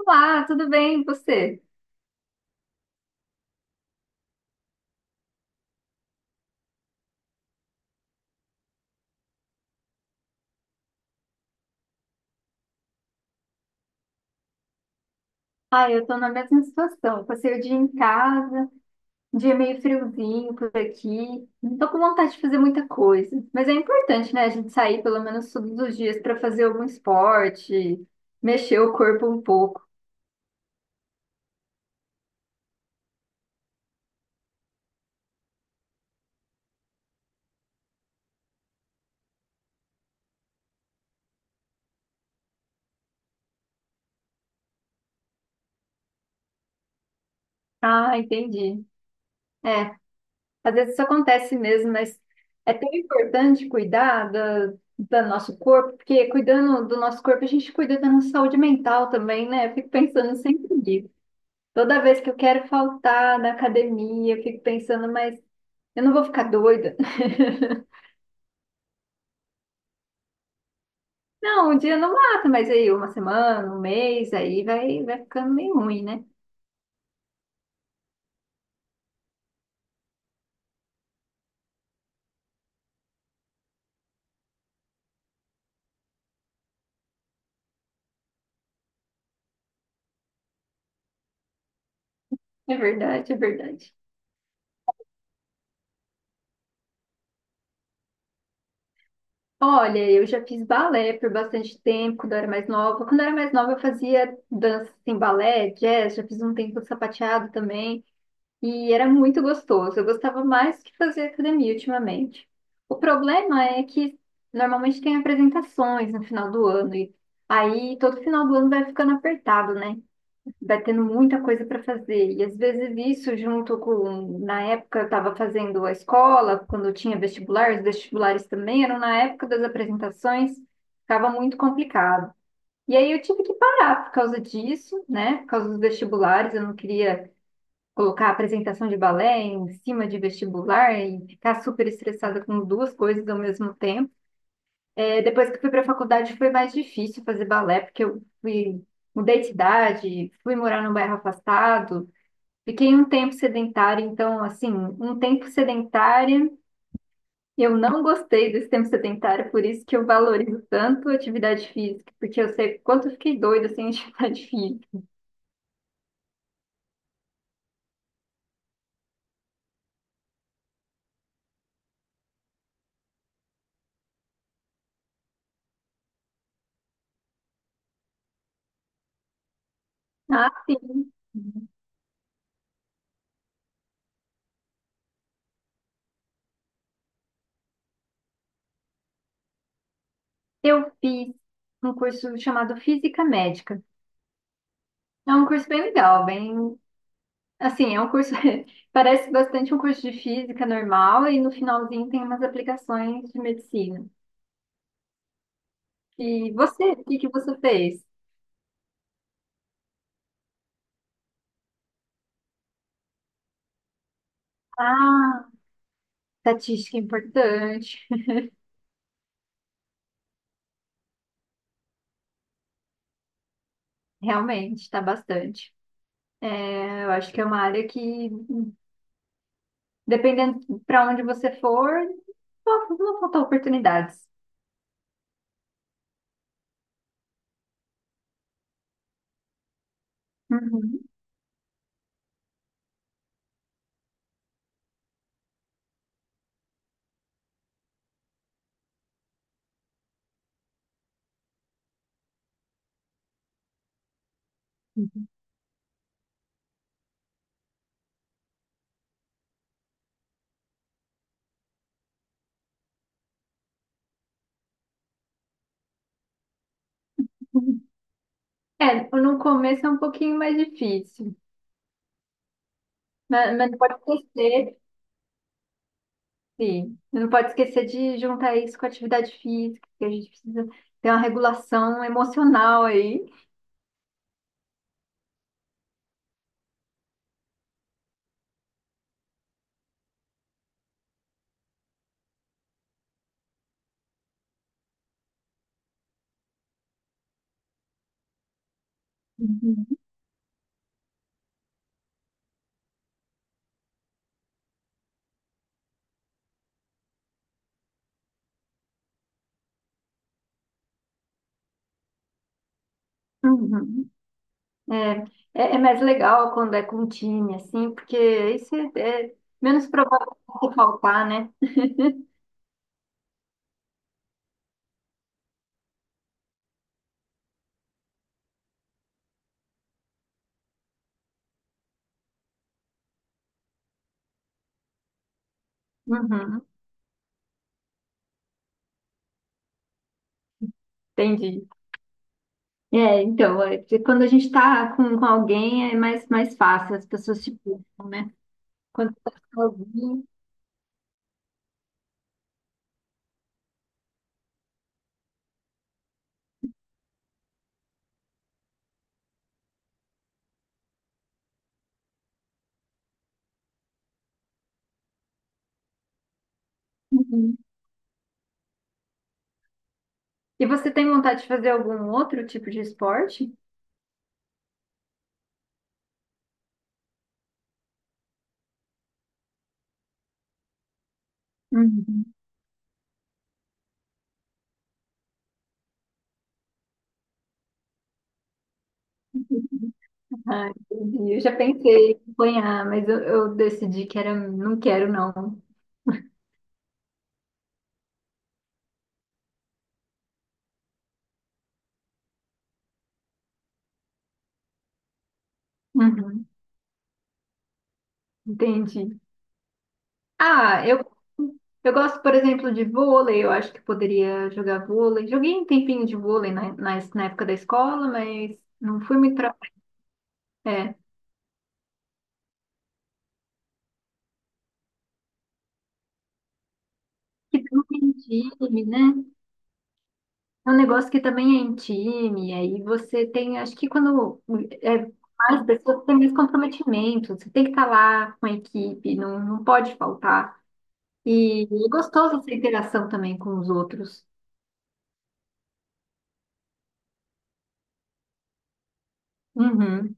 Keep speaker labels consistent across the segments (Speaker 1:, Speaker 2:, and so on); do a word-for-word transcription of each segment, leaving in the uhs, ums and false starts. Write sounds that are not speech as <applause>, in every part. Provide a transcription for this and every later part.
Speaker 1: Olá, tudo bem? E você? Ah, eu tô na mesma situação. Eu Passei o dia em casa, um dia meio friozinho por aqui. Não tô com vontade de fazer muita coisa. Mas é importante, né? A gente sair pelo menos todos os dias para fazer algum esporte, mexer o corpo um pouco. Ah, entendi. É, às vezes isso acontece mesmo, mas é tão importante cuidar da, do nosso corpo, porque cuidando do nosso corpo, a gente cuida da nossa saúde mental também, né? Eu fico pensando sempre nisso. Toda vez que eu quero faltar na academia, eu fico pensando, mas eu não vou ficar doida. <laughs> Não, um dia não mata, mas aí uma semana, um mês, aí vai, vai ficando meio ruim, né? É verdade, é verdade. Olha, eu já fiz balé por bastante tempo, quando eu era mais nova. Quando eu era mais nova, eu fazia dança em balé, jazz, já fiz um tempo de sapateado também. E era muito gostoso. Eu gostava mais que fazer academia ultimamente. O problema é que normalmente tem apresentações no final do ano e aí todo final do ano vai ficando apertado, né? Vai tendo muita coisa para fazer. E às vezes isso junto com, na época eu estava fazendo a escola, quando eu tinha vestibular, os vestibulares também eram na época das apresentações, ficava muito complicado. E aí eu tive que parar por causa disso, né? Por causa dos vestibulares, eu não queria colocar a apresentação de balé em cima de vestibular e ficar super estressada com duas coisas ao mesmo tempo. É, depois que fui para a faculdade foi mais difícil fazer balé, porque eu fui, mudei de idade, fui morar num bairro afastado, fiquei um tempo sedentária, então, assim, um tempo sedentária. Eu não gostei desse tempo sedentário, por isso que eu valorizo tanto a atividade física, porque eu sei quanto eu fiquei doida sem <laughs> atividade física. Ah, sim. Eu fiz um curso chamado Física Médica. É um curso bem legal, bem. Assim, é um curso. <laughs> Parece bastante um curso de física normal e no finalzinho tem umas aplicações de medicina. E você, o que que você fez? Ah, estatística é importante. <laughs> Realmente, está bastante. É, eu acho que é uma área que, dependendo para onde você for, não vão faltar oportunidades. Uhum. É, no começo é um pouquinho mais difícil, mas, mas pode crescer. Sim. Não pode esquecer de juntar isso com a atividade física, que a gente precisa ter uma regulação emocional aí. Uhum. Uhum. É, é, é mais legal quando é com um time, assim, porque isso é, é menos provável de faltar, né? Uhum, entendi. É, então, é, que quando a gente está com, com alguém é mais, mais fácil, as pessoas se puxam, né? Quando está sozinho. Uhum. E você tem vontade de fazer algum outro tipo de esporte? Uhum. Ah, entendi. Eu já pensei em acompanhar, mas eu, eu decidi que era, não quero, não. Uhum, entendi. Ah, eu, eu gosto, por exemplo, de vôlei. Eu acho que poderia jogar vôlei. Joguei um tempinho de vôlei na, na, na época da escola, mas não fui muito pra... É, que também é em time, né? É um negócio que também é em time. Aí você tem, acho que quando é mais pessoas, tem mais comprometimento. Você tem que estar lá com a equipe, não, não pode faltar. E é gostoso essa interação também com os outros. Uhum.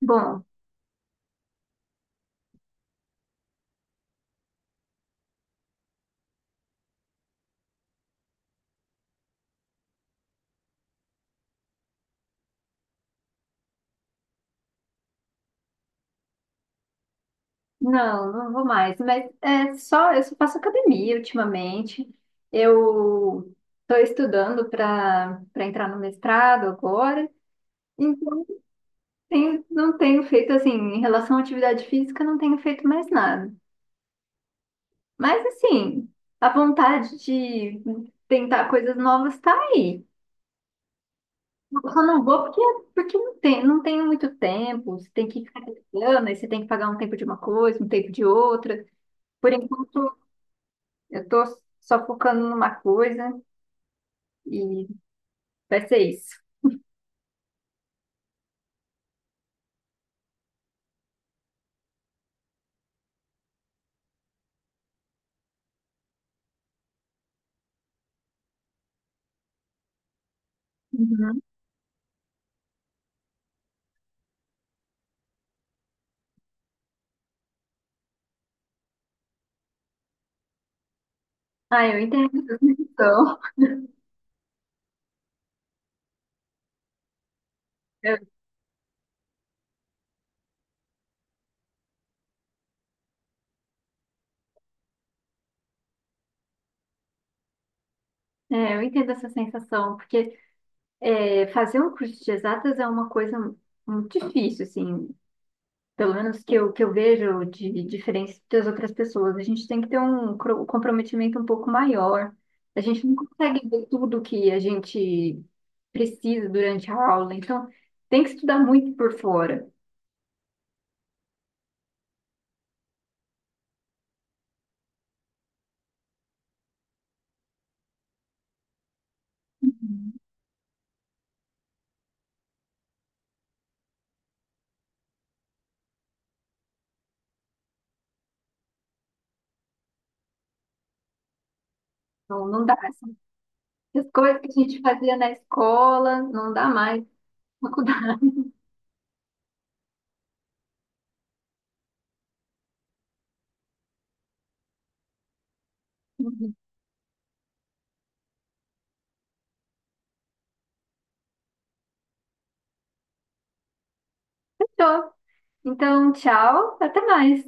Speaker 1: Bom, não, não vou mais, mas é só, eu só faço academia ultimamente. Eu estou estudando para para entrar no mestrado agora, então tenho- não tenho feito assim, em relação à atividade física, não tenho feito mais nada. Mas assim, a vontade de tentar coisas novas está aí. Eu só não vou porque, porque não tem, não tenho muito tempo. Você tem que ficar trabalhando, aí você tem que pagar um tempo de uma coisa, um tempo de outra. Por enquanto, eu tô só focando numa coisa e vai ser isso. Uhum. Ah, eu entendo então. Eu, é, eu entendo essa sensação, porque é, fazer um curso de exatas é uma coisa muito difícil, assim. Pelo menos que eu, que eu vejo de diferença das outras pessoas. A gente tem que ter um cro- um comprometimento um pouco maior. A gente não consegue ver tudo que a gente precisa durante a aula, então tem que estudar muito por fora. Então, não dá assim, as coisas que a gente fazia na escola, não dá mais na faculdade. <laughs> Fechou. Então, tchau, até mais.